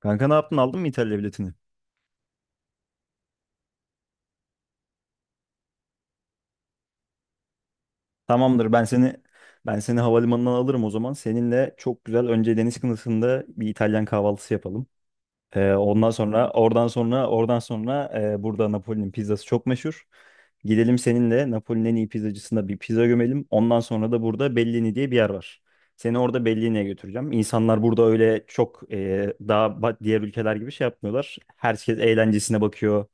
Kanka ne yaptın? Aldın mı İtalya biletini? Tamamdır. Ben seni havalimanından alırım o zaman. Seninle çok güzel önce deniz kıyısında bir İtalyan kahvaltısı yapalım. Ondan sonra burada Napoli'nin pizzası çok meşhur. Gidelim seninle Napoli'nin en iyi pizzacısında bir pizza gömelim. Ondan sonra da burada Bellini diye bir yer var. Seni orada Bellini'ye götüreceğim. İnsanlar burada öyle çok diğer ülkeler gibi şey yapmıyorlar. Herkes eğlencesine bakıyor.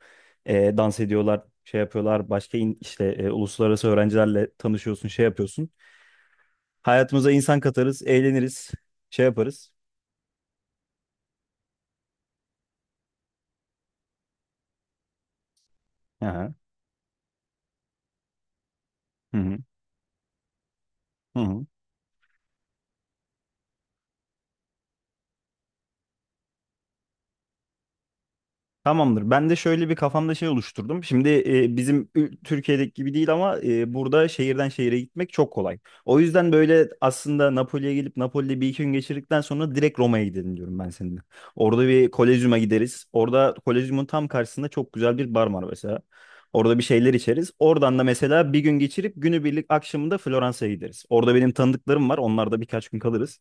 Dans ediyorlar, şey yapıyorlar. Başka in- işte uluslararası öğrencilerle tanışıyorsun, şey yapıyorsun. Hayatımıza insan katarız, eğleniriz, şey yaparız. Aha. Hı hı. Hı hı. Tamamdır. Ben de şöyle bir kafamda şey oluşturdum. Şimdi Türkiye'deki gibi değil ama burada şehirden şehire gitmek çok kolay. O yüzden böyle aslında Napoli'ye gelip Napoli'de bir iki gün geçirdikten sonra direkt Roma'ya gidelim diyorum ben seninle. Orada bir Kolezyum'a gideriz. Orada Kolezyum'un tam karşısında çok güzel bir bar var mesela. Orada bir şeyler içeriz. Oradan da mesela bir gün geçirip günübirlik akşamında Floransa'ya gideriz. Orada benim tanıdıklarım var. Onlarda birkaç gün kalırız.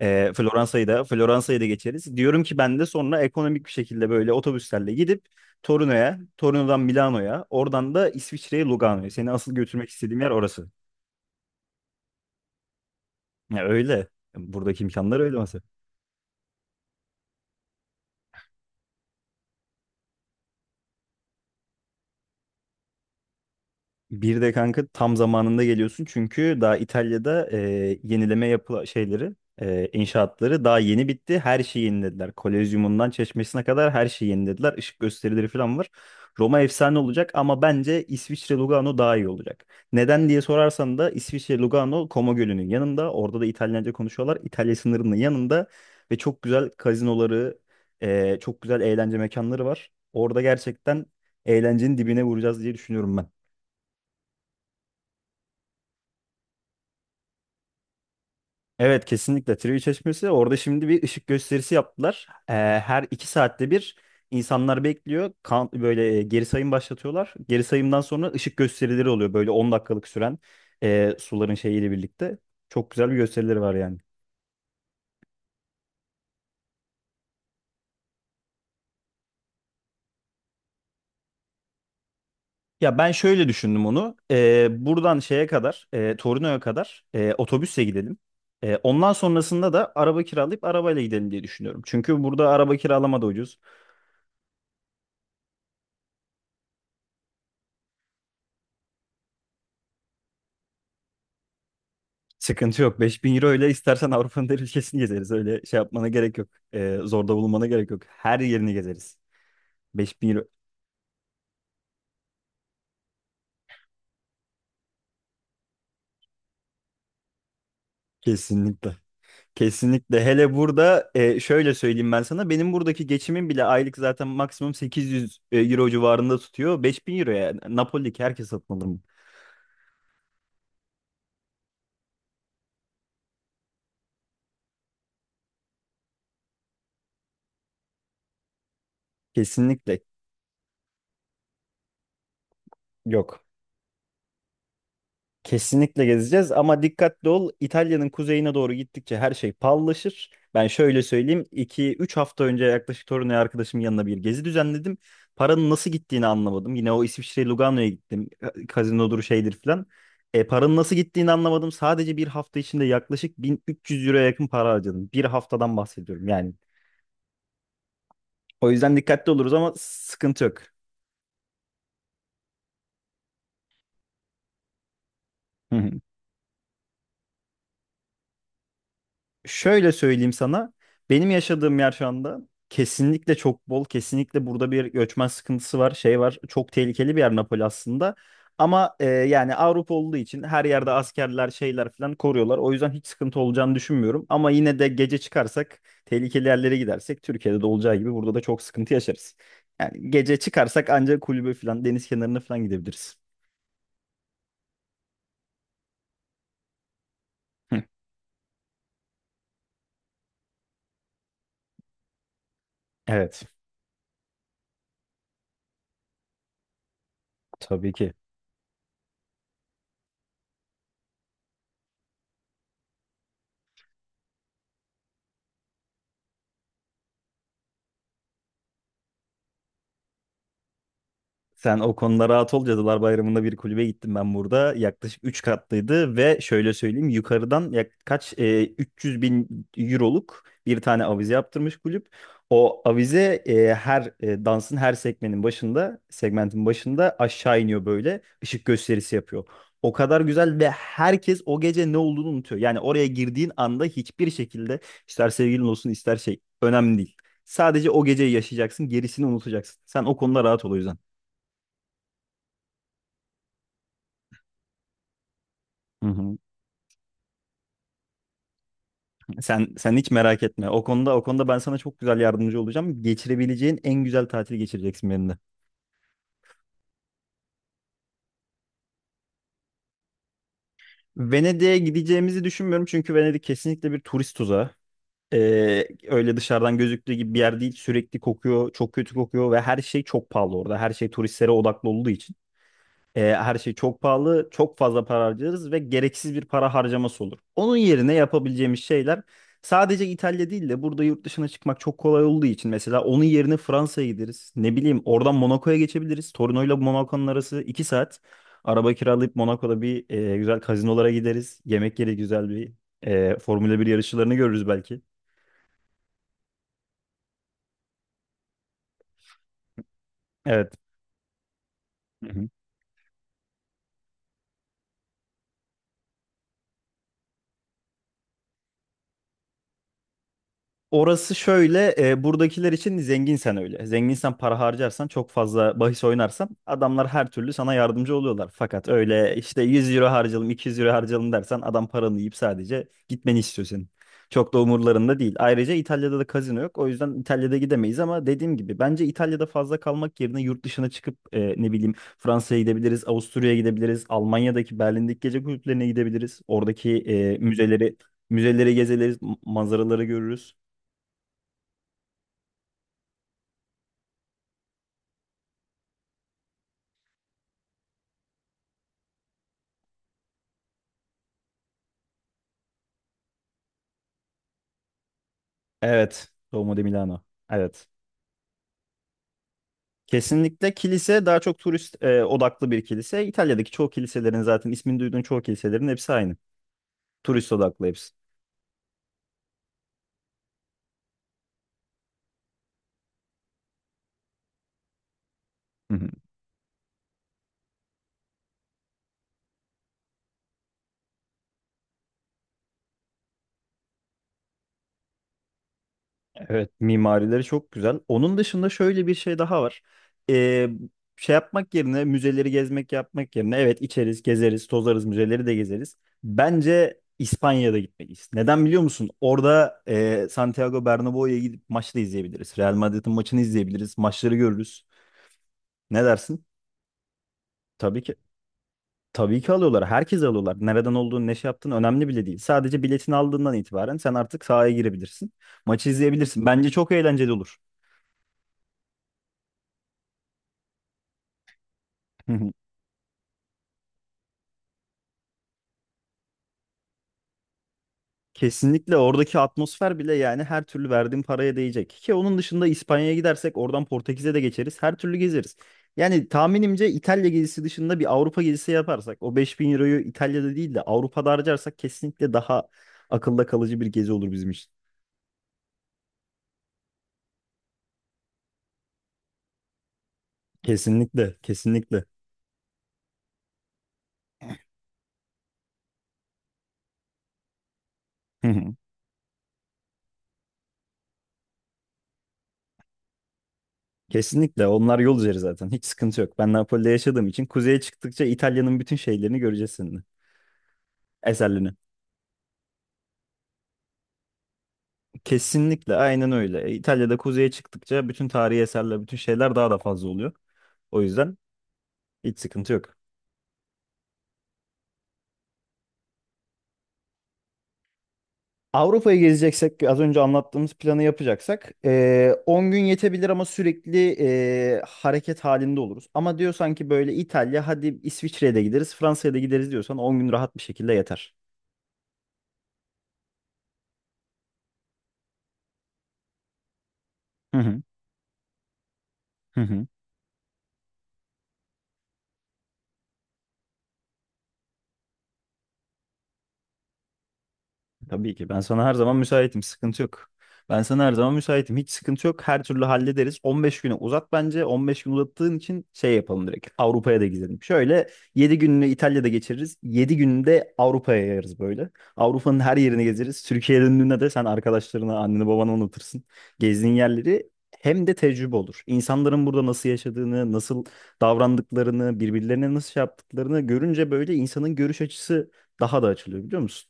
Floransa'yı da geçeriz. Diyorum ki ben de sonra ekonomik bir şekilde böyle otobüslerle gidip Torino'ya, Torino'dan Milano'ya, oradan da İsviçre'ye, Lugano'ya. Seni asıl götürmek istediğim yer orası. Ya öyle. Buradaki imkanlar öyle mesela. Bir de kanka tam zamanında geliyorsun çünkü daha İtalya'da yenileme yapı şeyleri inşaatları daha yeni bitti. Her şeyi yenilediler. Kolezyumundan çeşmesine kadar her şeyi yenilediler. Işık gösterileri falan var. Roma efsane olacak ama bence İsviçre Lugano daha iyi olacak. Neden diye sorarsan da İsviçre Lugano Como Gölü'nün yanında. Orada da İtalyanca konuşuyorlar. İtalya sınırının yanında ve çok güzel kazinoları, çok güzel eğlence mekanları var. Orada gerçekten eğlencenin dibine vuracağız diye düşünüyorum ben. Evet, kesinlikle Trivi Çeşmesi orada şimdi bir ışık gösterisi yaptılar. Her iki saatte bir insanlar bekliyor. Böyle geri sayım başlatıyorlar. Geri sayımdan sonra ışık gösterileri oluyor. Böyle 10 dakikalık süren suların şeyiyle birlikte. Çok güzel bir gösterileri var yani. Ya ben şöyle düşündüm onu. Buradan şeye kadar, Torino'ya kadar otobüsle gidelim. Ondan sonrasında da araba kiralayıp arabayla gidelim diye düşünüyorum. Çünkü burada araba kiralama da ucuz. Sıkıntı yok. Beş bin euro ile istersen Avrupa'nın her ülkesini gezeriz. Öyle şey yapmana gerek yok. Zorda bulunmana gerek yok. Her yerini gezeriz. Beş bin euro kesinlikle. Kesinlikle. Hele burada şöyle söyleyeyim ben sana. Benim buradaki geçimim bile aylık zaten maksimum 800 euro civarında tutuyor. 5.000 euroya Napoli'deki herkes satın alır mı? Kesinlikle yok. Kesinlikle gezeceğiz ama dikkatli ol. İtalya'nın kuzeyine doğru gittikçe her şey pallaşır. Ben şöyle söyleyeyim. İki üç hafta önce yaklaşık Torino'ya arkadaşımın yanına bir gezi düzenledim. Paranın nasıl gittiğini anlamadım. Yine o İsviçre Lugano'ya gittim. Kazinodur şeydir filan. Paranın nasıl gittiğini anlamadım. Sadece bir hafta içinde yaklaşık 1.300 euroya yakın para harcadım. Bir haftadan bahsediyorum yani. O yüzden dikkatli oluruz ama sıkıntı yok. Şöyle söyleyeyim sana. Benim yaşadığım yer şu anda kesinlikle çok bol. Kesinlikle burada bir göçmen sıkıntısı var. Şey var. Çok tehlikeli bir yer Napoli aslında. Ama yani Avrupa olduğu için her yerde askerler şeyler falan koruyorlar. O yüzden hiç sıkıntı olacağını düşünmüyorum. Ama yine de gece çıkarsak tehlikeli yerlere gidersek Türkiye'de de olacağı gibi burada da çok sıkıntı yaşarız. Yani gece çıkarsak ancak kulübe falan deniz kenarına falan gidebiliriz. Hı. Evet. Tabii ki. Sen o konuda rahat ol. Cadılar Bayramı'nda bir kulübe gittim ben burada. Yaklaşık 3 katlıydı ve şöyle söyleyeyim yukarıdan 300 bin euroluk bir tane avize yaptırmış kulüp. O avize her dansın her segmentin başında aşağı iniyor böyle ışık gösterisi yapıyor. O kadar güzel ve herkes o gece ne olduğunu unutuyor. Yani oraya girdiğin anda hiçbir şekilde ister sevgilin olsun ister şey önemli değil. Sadece o geceyi yaşayacaksın, gerisini unutacaksın. Sen o konuda rahat ol o yüzden. Hı hı. Sen hiç merak etme. O konuda ben sana çok güzel yardımcı olacağım. Geçirebileceğin en güzel tatili geçireceksin benimle. Venedik'e gideceğimizi düşünmüyorum çünkü Venedik kesinlikle bir turist tuzağı. Öyle dışarıdan gözüktüğü gibi bir yer değil. Sürekli kokuyor, çok kötü kokuyor ve her şey çok pahalı orada. Her şey turistlere odaklı olduğu için. Her şey çok pahalı, çok fazla para harcarız ve gereksiz bir para harcaması olur. Onun yerine yapabileceğimiz şeyler sadece İtalya değil de burada yurt dışına çıkmak çok kolay olduğu için mesela onun yerine Fransa'ya gideriz. Ne bileyim oradan Monaco'ya geçebiliriz. Torino'yla Monaco'nun arası 2 saat. Araba kiralayıp Monaco'da bir güzel kazinolara gideriz. Yemek yeri güzel bir Formula 1 yarışçılarını görürüz belki. Evet. Orası şöyle, buradakiler için zenginsen öyle. Zenginsen para harcarsan, çok fazla bahis oynarsan adamlar her türlü sana yardımcı oluyorlar. Fakat öyle işte 100 euro harcayalım, 200 euro harcayalım dersen adam paranı yiyip sadece gitmeni istiyor senin. Çok da umurlarında değil. Ayrıca İtalya'da da kazino yok. O yüzden İtalya'da gidemeyiz ama dediğim gibi bence İtalya'da fazla kalmak yerine yurt dışına çıkıp ne bileyim Fransa'ya gidebiliriz, Avusturya'ya gidebiliriz, Almanya'daki Berlin'deki gece kulüplerine gidebiliriz. Oradaki müzeleri gezeriz, manzaraları görürüz. Evet. Duomo di Milano. Evet. Kesinlikle kilise daha çok turist odaklı bir kilise. İtalya'daki çoğu kiliselerin zaten ismini duyduğun çoğu kiliselerin hepsi aynı. Turist odaklı hepsi. Hı hı. Evet, mimarileri çok güzel. Onun dışında şöyle bir şey daha var. Ee, Şey yapmak yerine müzeleri gezmek yapmak yerine evet içeriz, gezeriz, tozarız, müzeleri de gezeriz. Bence İspanya'da gitmeliyiz. Neden biliyor musun? Orada Santiago Bernabéu'ya gidip maçı da izleyebiliriz. Real Madrid'in maçını izleyebiliriz. Maçları görürüz. Ne dersin? Tabii ki tabii ki alıyorlar. Herkes alıyorlar. Nereden olduğunu, ne şey yaptığın önemli bile değil. Sadece biletini aldığından itibaren sen artık sahaya girebilirsin. Maçı izleyebilirsin. Bence çok eğlenceli olur. Hı hı. Kesinlikle oradaki atmosfer bile yani her türlü verdiğim paraya değecek. Ki onun dışında İspanya'ya gidersek oradan Portekiz'e de geçeriz. Her türlü gezeriz. Yani tahminimce İtalya gezisi dışında bir Avrupa gezisi yaparsak o 5.000 euroyu İtalya'da değil de Avrupa'da harcarsak kesinlikle daha akılda kalıcı bir gezi olur bizim için. Kesinlikle, kesinlikle. Kesinlikle onlar yol üzeri zaten hiç sıkıntı yok. Ben Napoli'de yaşadığım için kuzeye çıktıkça İtalya'nın bütün şeylerini göreceğiz seninle. Eserlerini. Kesinlikle aynen öyle. İtalya'da kuzeye çıktıkça bütün tarihi eserler, bütün şeyler daha da fazla oluyor. O yüzden hiç sıkıntı yok. Avrupa'yı gezeceksek az önce anlattığımız planı yapacaksak 10 gün yetebilir ama sürekli hareket halinde oluruz. Ama diyor sanki böyle İtalya hadi İsviçre'ye de gideriz Fransa'ya da gideriz diyorsan 10 gün rahat bir şekilde yeter. Hı hı. Hı hı. Tabii ki. Ben sana her zaman müsaitim. Sıkıntı yok. Ben sana her zaman müsaitim. Hiç sıkıntı yok. Her türlü hallederiz. 15 güne uzat bence. 15 gün uzattığın için şey yapalım direkt. Avrupa'ya da gidelim. Şöyle 7 gününü İtalya'da geçiririz. Yedi gününü de Avrupa'ya yayarız böyle. Avrupa'nın her yerini gezeriz. Türkiye'ye döndüğünde de sen arkadaşlarına, anneni, babanı unutursun. Gezdiğin yerleri hem de tecrübe olur. İnsanların burada nasıl yaşadığını, nasıl davrandıklarını, birbirlerine nasıl şey yaptıklarını görünce böyle insanın görüş açısı daha da açılıyor biliyor musun?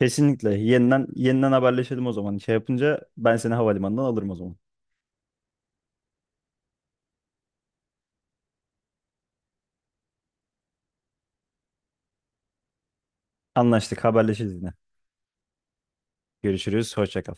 Kesinlikle. Yeniden yeniden haberleşelim o zaman. Şey yapınca ben seni havalimanından alırım o zaman. Anlaştık. Haberleşiriz yine. Görüşürüz. Hoşça kal.